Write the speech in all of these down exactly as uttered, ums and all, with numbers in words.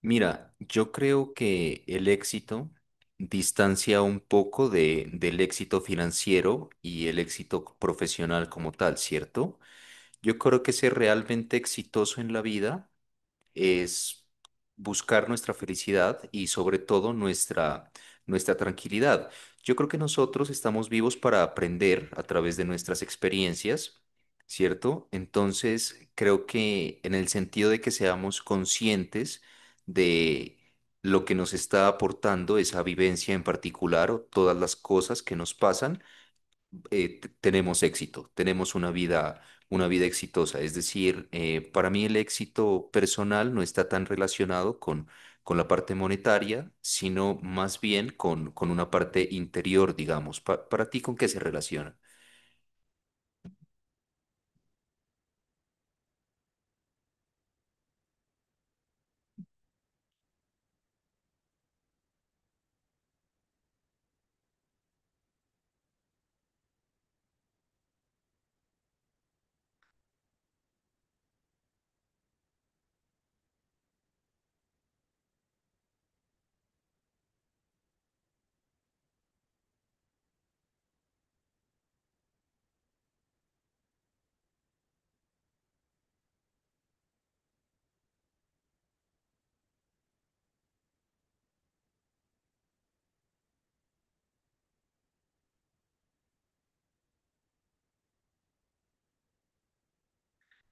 Mira, yo creo que el éxito distancia un poco de, del éxito financiero y el éxito profesional como tal, ¿cierto? Yo creo que ser realmente exitoso en la vida es buscar nuestra felicidad y sobre todo nuestra, nuestra tranquilidad. Yo creo que nosotros estamos vivos para aprender a través de nuestras experiencias, ¿cierto? Entonces, creo que en el sentido de que seamos conscientes de lo que nos está aportando esa vivencia en particular o todas las cosas que nos pasan, eh, t- tenemos éxito, tenemos una vida, una vida exitosa. Es decir, eh, para mí el éxito personal no está tan relacionado con, con la parte monetaria, sino más bien con, con una parte interior, digamos. Pa- para ti, ¿con qué se relaciona?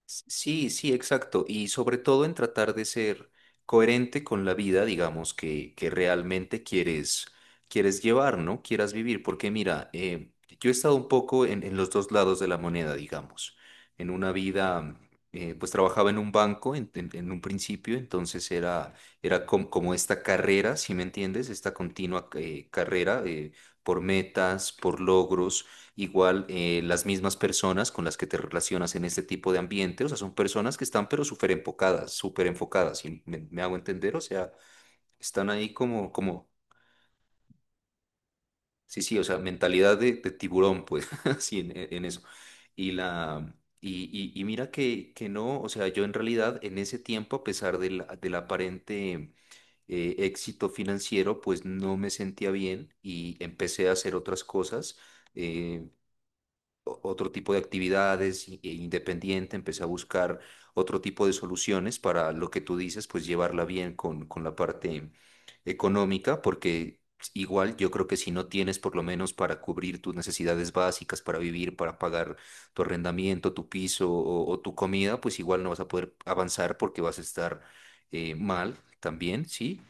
Sí, sí, exacto. Y sobre todo en tratar de ser coherente con la vida, digamos, que, que realmente quieres, quieres llevar, ¿no? Quieras vivir. Porque mira, eh, yo he estado un poco en, en los dos lados de la moneda, digamos. En una vida, eh, pues trabajaba en un banco en, en- en un principio, entonces era, era com- como esta carrera, si me entiendes, esta continua eh, carrera eh, por metas, por logros. Igual, eh, las mismas personas con las que te relacionas en este tipo de ambiente, o sea, son personas que están pero súper enfocadas, súper enfocadas, y me, me hago entender, o sea, están ahí como, como, sí, sí, o sea, mentalidad de, de tiburón, pues, así en, en eso. Y la, y, y, y mira que, que no, o sea, yo en realidad en ese tiempo, a pesar del, del aparente eh, éxito financiero, pues no me sentía bien y empecé a hacer otras cosas. eh, o- Otro tipo de actividades i- e independiente, empecé a buscar otro tipo de soluciones para lo que tú dices, pues llevarla bien con, con la parte económica, porque igual yo creo que si no tienes por lo menos para cubrir tus necesidades básicas, para vivir, para pagar tu arrendamiento, tu piso o, o tu comida, pues igual no vas a poder avanzar porque vas a estar eh, mal también, ¿sí?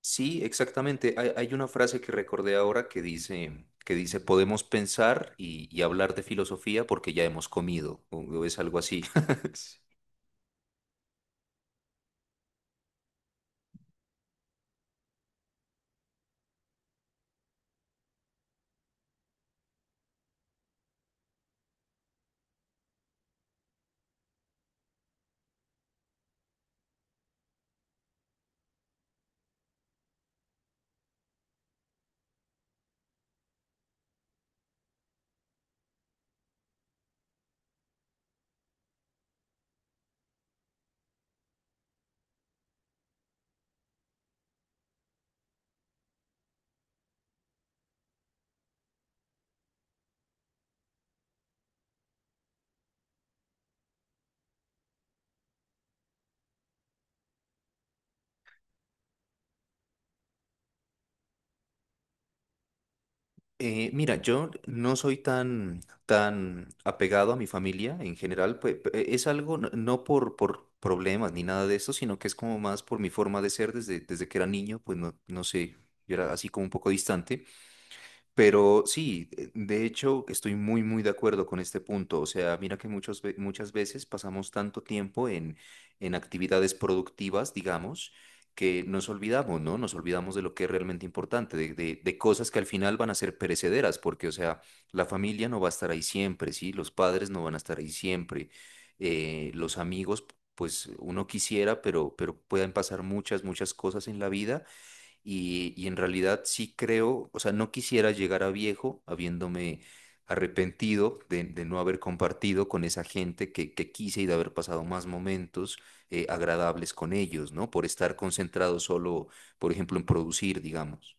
Sí, exactamente. Hay, hay una frase que recordé ahora que dice, que dice, podemos pensar y, y hablar de filosofía porque ya hemos comido, o o es algo así. Sí. Eh, mira, yo no soy tan, tan apegado a mi familia en general, pues, pe- eh, es algo no, no por, por problemas ni nada de eso, sino que es como más por mi forma de ser desde, desde que era niño, pues no, no sé, yo era así como un poco distante. Pero sí, eh, de hecho estoy muy, muy de acuerdo con este punto. O sea, mira que muchos, ve- muchas veces pasamos tanto tiempo en, en actividades productivas, digamos, que nos olvidamos, ¿no? Nos olvidamos de lo que es realmente importante, de, de, de cosas que al final van a ser perecederas, porque, o sea, la familia no va a estar ahí siempre, ¿sí? Los padres no van a estar ahí siempre. Eh, los amigos, pues uno quisiera, pero, pero pueden pasar muchas, muchas cosas en la vida y, y en realidad sí creo, o sea, no quisiera llegar a viejo habiéndome arrepentido de, de no haber compartido con esa gente que, que quise y de haber pasado más momentos eh, agradables con ellos, ¿no? Por estar concentrado solo, por ejemplo, en producir, digamos.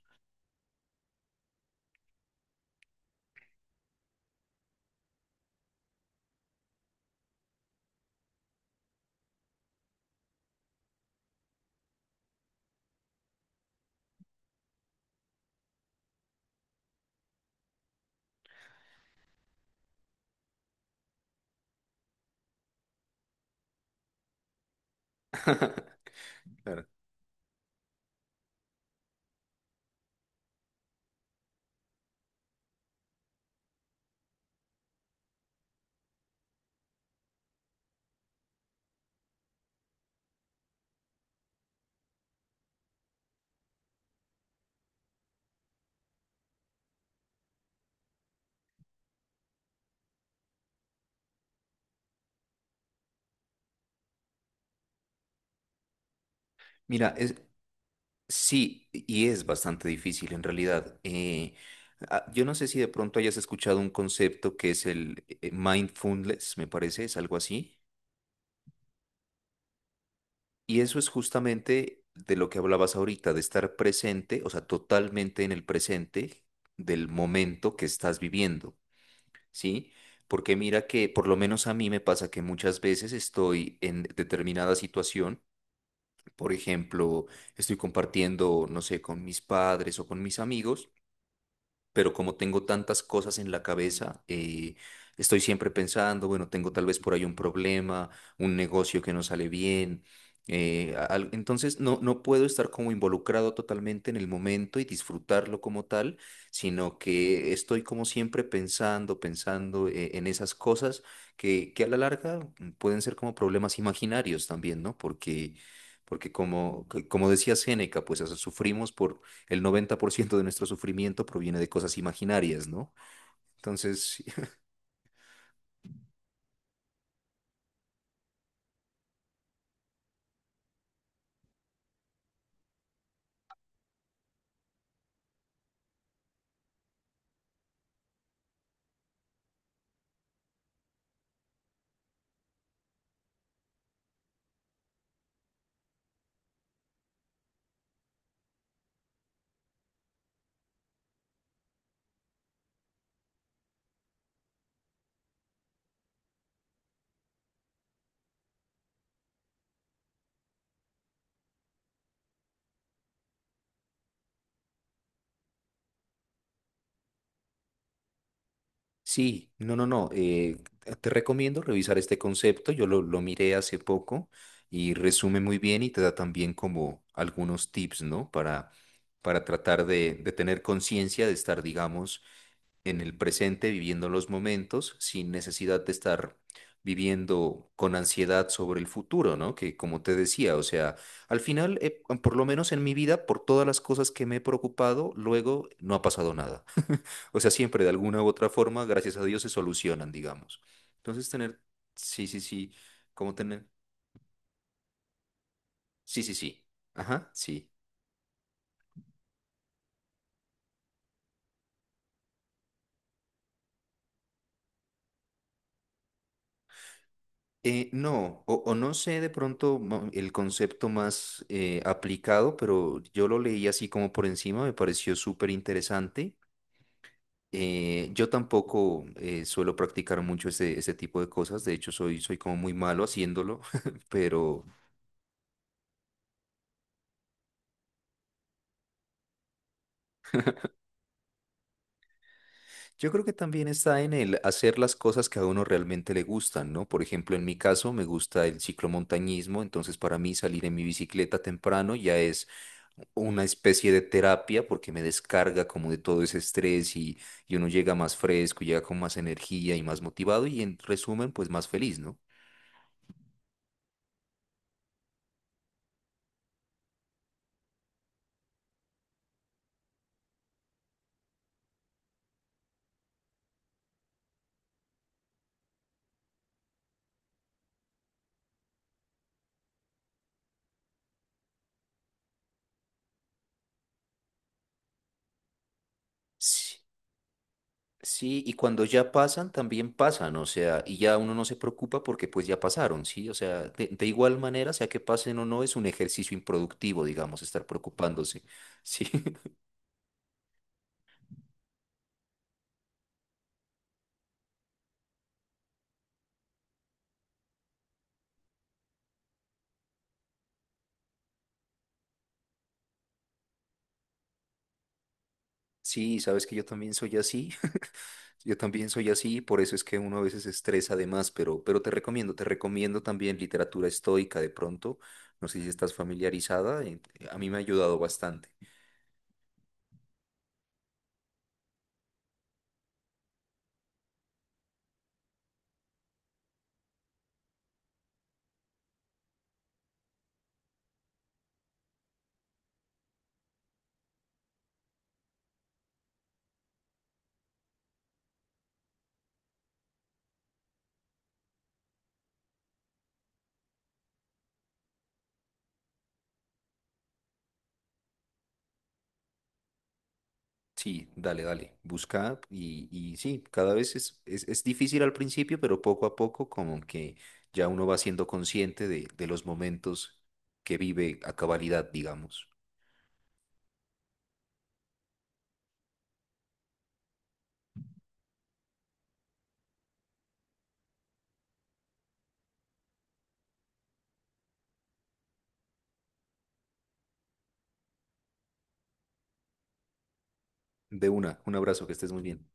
Claro. Mira, es, sí, y es bastante difícil en realidad. Eh, ah, yo no sé si de pronto hayas escuchado un concepto que es el eh, mindfulness, me parece, es algo así. Y eso es justamente de lo que hablabas ahorita, de estar presente, o sea, totalmente en el presente del momento que estás viviendo, ¿sí? Porque mira que por lo menos a mí me pasa que muchas veces estoy en determinada situación, por ejemplo, estoy compartiendo, no sé, con mis padres o con mis amigos, pero como tengo tantas cosas en la cabeza, eh, estoy siempre pensando, bueno, tengo tal vez por ahí un problema, un negocio que no sale bien. Eh, a- al- entonces no, no puedo estar como involucrado totalmente en el momento y disfrutarlo como tal, sino que estoy como siempre pensando, pensando eh, en esas cosas que, que a la larga mm, pueden ser como problemas imaginarios también, ¿no? Porque, porque como, como decía Séneca, pues o sea, sufrimos por el noventa por ciento de nuestro sufrimiento proviene de cosas imaginarias, ¿no? Entonces, sí, no, no, no, eh, te recomiendo revisar este concepto, yo lo, lo miré hace poco y resume muy bien y te da también como algunos tips, ¿no? Para, para tratar de, de tener conciencia de estar, digamos, en el presente, viviendo los momentos, sin necesidad de estar viviendo con ansiedad sobre el futuro, ¿no? Que como te decía, o sea, al final, eh, por lo menos en mi vida, por todas las cosas que me he preocupado, luego no ha pasado nada. O sea, siempre de alguna u otra forma, gracias a Dios, se solucionan, digamos. Entonces, tener, sí, sí, sí, como tener, sí, sí, sí, ajá, sí. Eh, no, o, o no sé de pronto mo- el concepto más eh, aplicado, pero yo lo leí así como por encima, me pareció súper interesante. Eh, yo tampoco eh, suelo practicar mucho este, este tipo de cosas, de hecho soy, soy como muy malo haciéndolo, pero, yo creo que también está en el hacer las cosas que a uno realmente le gustan, ¿no? Por ejemplo, en mi caso me gusta el ciclomontañismo, entonces para mí salir en mi bicicleta temprano ya es una especie de terapia porque me descarga como de todo ese estrés y, y uno llega más fresco, llega con más energía y más motivado y en resumen, pues más feliz, ¿no? Sí, y cuando ya pasan, también pasan, o sea, y ya uno no se preocupa porque pues ya pasaron, ¿sí? O sea, de, de igual manera, sea que pasen o no, es un ejercicio improductivo, digamos, estar preocupándose, ¿sí? Sí, sabes que yo también soy así, yo también soy así, por eso es que uno a veces se estresa además, pero, pero te recomiendo, te recomiendo también literatura estoica de pronto, no sé si estás familiarizada, eh, a mí me ha ayudado bastante. Sí, dale, dale, busca y, y sí, cada vez es, es, es difícil al principio, pero poco a poco como que ya uno va siendo consciente de, de los momentos que vive a cabalidad, digamos. De una, un abrazo, que estés muy bien.